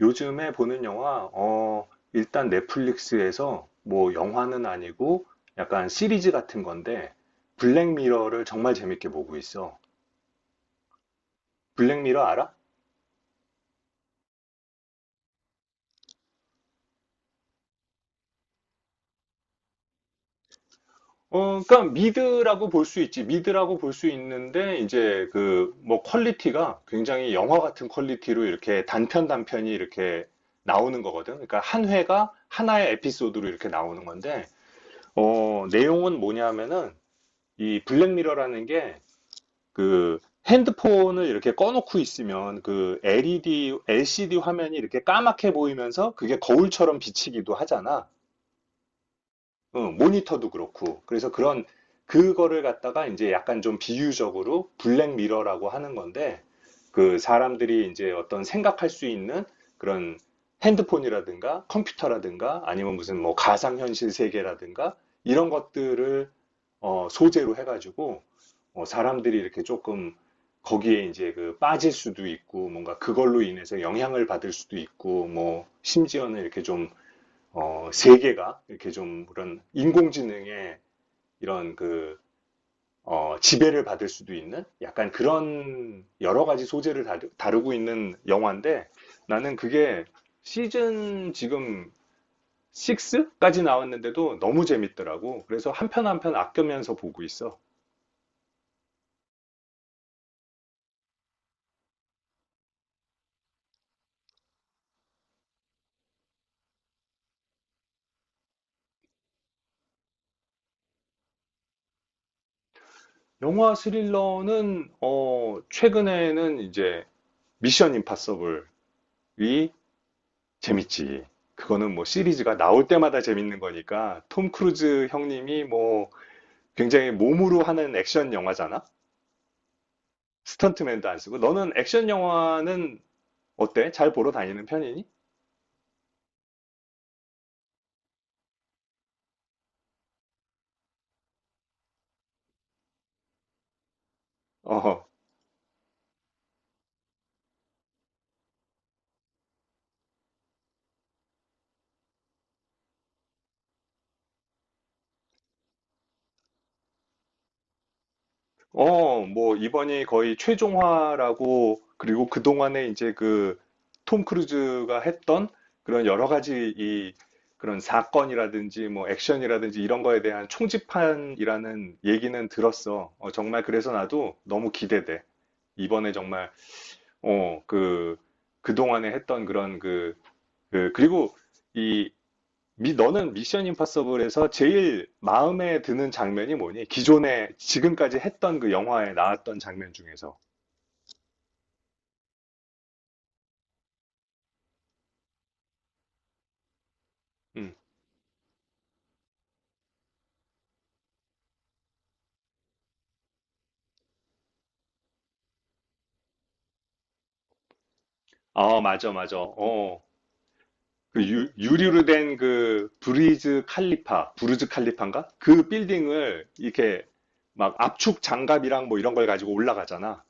요즘에 보는 영화, 일단 넷플릭스에서 뭐 영화는 아니고 약간 시리즈 같은 건데 블랙미러를 정말 재밌게 보고 있어. 블랙미러 알아? 그러니까 미드라고 볼 수 있지. 미드라고 볼 수 있는데 이제 그 뭐 퀄리티가 굉장히 영화 같은 퀄리티로 이렇게 단편 단편이 이렇게 나오는 거거든. 그러니까 한 회가 하나의 에피소드로 이렇게 나오는 건데 내용은 뭐냐면은 이 블랙미러라는 게 그 핸드폰을 이렇게 꺼놓고 있으면 그 LED, LCD 화면이 이렇게 까맣게 보이면서 그게 거울처럼 비치기도 하잖아. 응, 모니터도 그렇고. 그래서 그런, 그거를 갖다가 이제 약간 좀 비유적으로 블랙미러라고 하는 건데, 그 사람들이 이제 어떤 생각할 수 있는 그런 핸드폰이라든가 컴퓨터라든가 아니면 무슨 뭐 가상현실 세계라든가 이런 것들을 소재로 해가지고 사람들이 이렇게 조금 거기에 이제 그 빠질 수도 있고 뭔가 그걸로 인해서 영향을 받을 수도 있고 뭐 심지어는 이렇게 좀 세계가 이렇게 좀 그런 인공지능의 이런 그 지배를 받을 수도 있는 약간 그런 여러 가지 소재를 다루고 있는 영화인데 나는 그게 시즌 지금 6까지 나왔는데도 너무 재밌더라고. 그래서 한편 한편 아껴면서 보고 있어. 영화 스릴러는 최근에는 이제 미션 임파서블이 재밌지. 그거는 뭐 시리즈가 나올 때마다 재밌는 거니까 톰 크루즈 형님이 뭐 굉장히 몸으로 하는 액션 영화잖아. 스턴트맨도 안 쓰고 너는 액션 영화는 어때? 잘 보러 다니는 편이니? 어, 뭐, 이번이 거의 최종화라고, 그리고 그동안에 이제 그, 톰 크루즈가 했던 그런 여러 가지 이, 그런 사건이라든지 뭐 액션이라든지 이런 거에 대한 총집판이라는 얘기는 들었어. 정말 그래서 나도 너무 기대돼. 이번에 정말, 그, 그동안에 했던 그런 그, 그, 그리고 이 너는 미션 임파서블에서 제일 마음에 드는 장면이 뭐니? 기존에 지금까지 했던 그 영화에 나왔던 장면 중에서. 응. 아, 맞아, 맞아. 어. 그 유리로 된 그 브리즈 칼리파, 브루즈 칼리파인가? 그 빌딩을 이렇게 막 압축 장갑이랑 뭐 이런 걸 가지고 올라가잖아.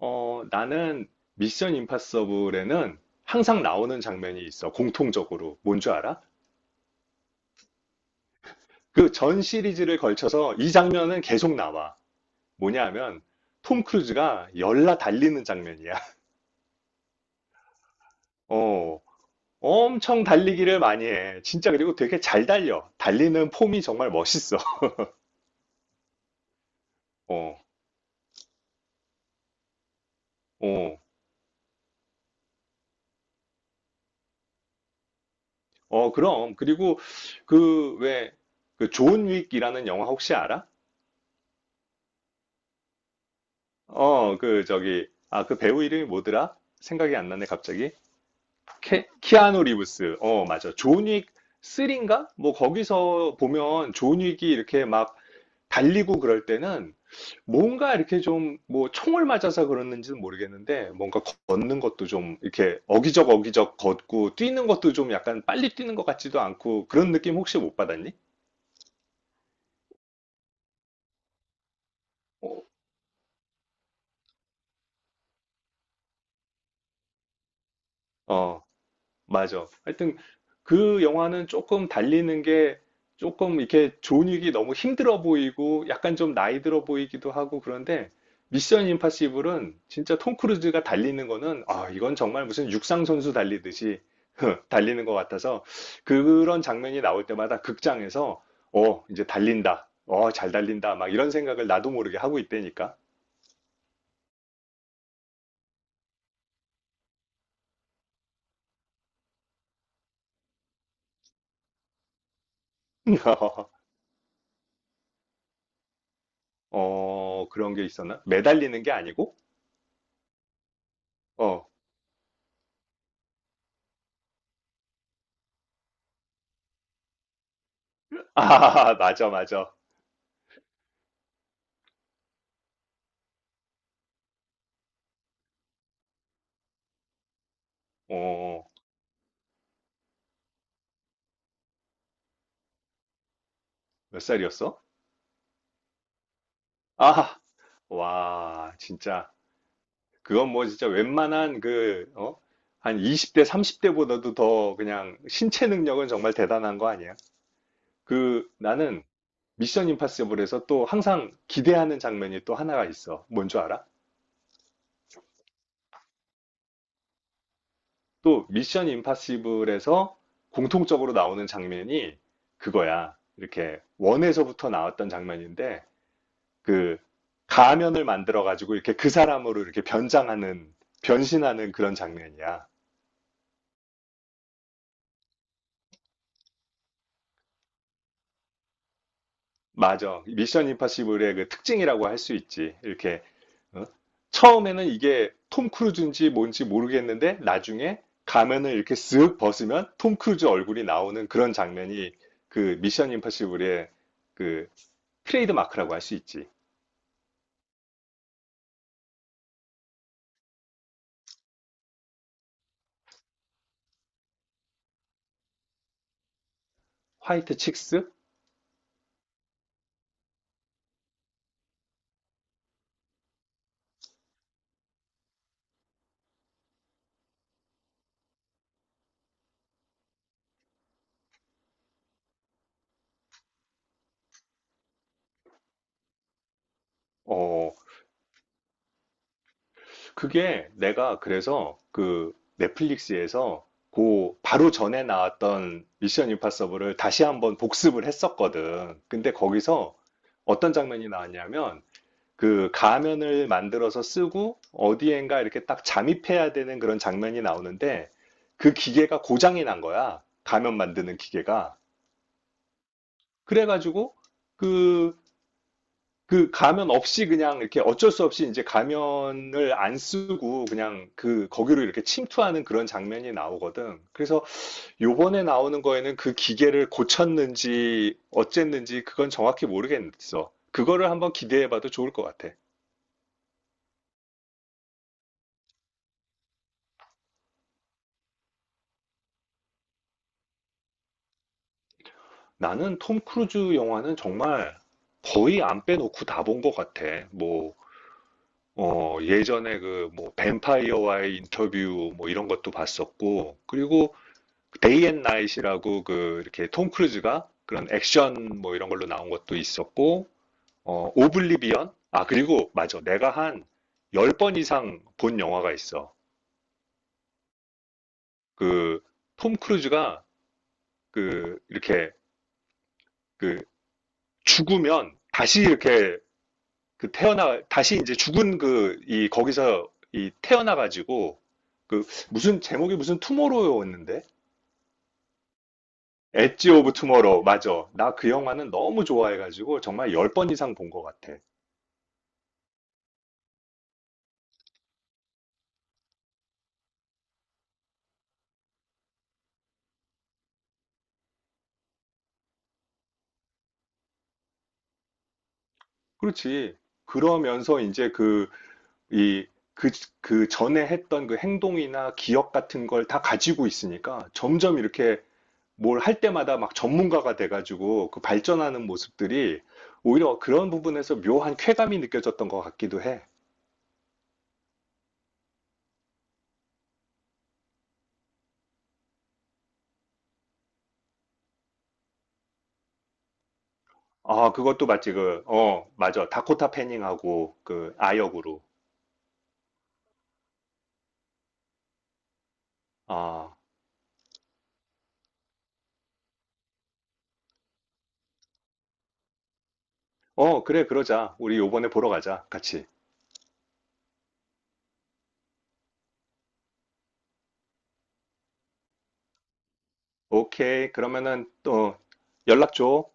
나는 미션 임파서블에는 항상 나오는 장면이 있어. 공통적으로. 뭔 줄 알아? 그 전 시리즈를 걸쳐서 이 장면은 계속 나와. 뭐냐 하면 톰 크루즈가 열나 달리는 장면이야. 어, 엄청 달리기를 많이 해. 진짜 그리고 되게 잘 달려. 달리는 폼이 정말 멋있어. 어, 어, 그럼. 그리고 그 왜, 그 존 윅이라는 영화 혹시 알아? 그 저기, 아, 그 배우 이름이 뭐더라? 생각이 안 나네, 갑자기. 키아누 리브스. 맞아. 존 윅 3인가? 뭐 거기서 보면 존 윅이 이렇게 막 달리고 그럴 때는 뭔가 이렇게 좀 뭐 총을 맞아서 그러는지는 모르겠는데 뭔가 걷는 것도 좀 이렇게 어기적 어기적 걷고 뛰는 것도 좀 약간 빨리 뛰는 것 같지도 않고 그런 느낌 혹시 못 받았니? 어, 맞아. 하여튼 그 영화는 조금 달리는 게 조금 이렇게 존윅이 너무 힘들어 보이고 약간 좀 나이 들어 보이기도 하고 그런데 미션 임파서블은 진짜 톰 크루즈가 달리는 거는 아, 이건 정말 무슨 육상 선수 달리듯이 달리는 것 같아서 그런 장면이 나올 때마다 극장에서 이제 달린다. 잘 달린다. 막 이런 생각을 나도 모르게 하고 있다니까. 그런 게 있었나? 매달리는 게 아니고? 어. 아, 맞아, 맞아. 어, 몇 살이었어? 아, 와, 진짜. 그건 뭐 진짜 웬만한 그, 어? 한 20대, 30대보다도 더 그냥 신체 능력은 정말 대단한 거 아니야? 그, 나는 미션 임파서블에서 또 항상 기대하는 장면이 또 하나가 있어. 뭔 줄 알아? 또 미션 임파서블에서 공통적으로 나오는 장면이 그거야. 이렇게 원에서부터 나왔던 장면인데, 그 가면을 만들어 가지고 이렇게 그 사람으로 이렇게 변장하는 변신하는 그런 장면이야. 맞아. 미션 임파서블의 그 특징이라고 할 수 있지. 이렇게 어? 처음에는 이게 톰 크루즈인지 뭔지 모르겠는데 나중에 가면을 이렇게 쓱 벗으면 톰 크루즈 얼굴이 나오는 그런 장면이 그 미션 임파서블의 그 트레이드 마크라고 할 수 있지. 화이트 칙스? 어, 그게 내가 그래서 그 넷플릭스에서 그 바로 전에 나왔던 미션 임파서블을 다시 한번 복습을 했었거든. 근데 거기서 어떤 장면이 나왔냐면 그 가면을 만들어서 쓰고 어디엔가 이렇게 딱 잠입해야 되는 그런 장면이 나오는데 그 기계가 고장이 난 거야. 가면 만드는 기계가. 그래가지고 그 그 가면 없이 그냥 이렇게 어쩔 수 없이 이제 가면을 안 쓰고 그냥 그 거기로 이렇게 침투하는 그런 장면이 나오거든. 그래서 요번에 나오는 거에는 그 기계를 고쳤는지 어쨌는지 그건 정확히 모르겠어. 그거를 한번 기대해봐도 좋을 것 같아. 나는 톰 크루즈 영화는 정말 거의 안 빼놓고 다 본 것 같아. 뭐, 예전에 그 뭐 뱀파이어와의 인터뷰 뭐 이런 것도 봤었고, 그리고 데이 앤 나잇이라고 그 이렇게 톰 크루즈가 그런 액션 뭐 이런 걸로 나온 것도 있었고 오블리비언 아 그리고 맞아 내가 한 10번 이상 본 영화가 있어 그 톰 크루즈가 그 이렇게 그 죽으면 다시 이렇게 그 태어나 다시 이제 죽은 그 이 거기서 이 태어나 가지고 그 무슨 제목이 무슨 투모로우였는데 엣지 오브 투모로우 맞아 나 그 영화는 너무 좋아해 가지고 정말 10번 이상 본 것 같아 그렇지. 그러면서 이제 그, 이, 그, 그 전에 했던 그 행동이나 기억 같은 걸 다 가지고 있으니까 점점 이렇게 뭘 할 때마다 막 전문가가 돼가지고 그 발전하는 모습들이 오히려 그런 부분에서 묘한 쾌감이 느껴졌던 것 같기도 해. 아, 그것도 맞지. 그, 맞아. 다코타 패닝하고 그 아역으로. 아, 그래, 그러자. 우리 요번에 보러 가자. 같이. 오케이. 그러면은 또 연락 줘.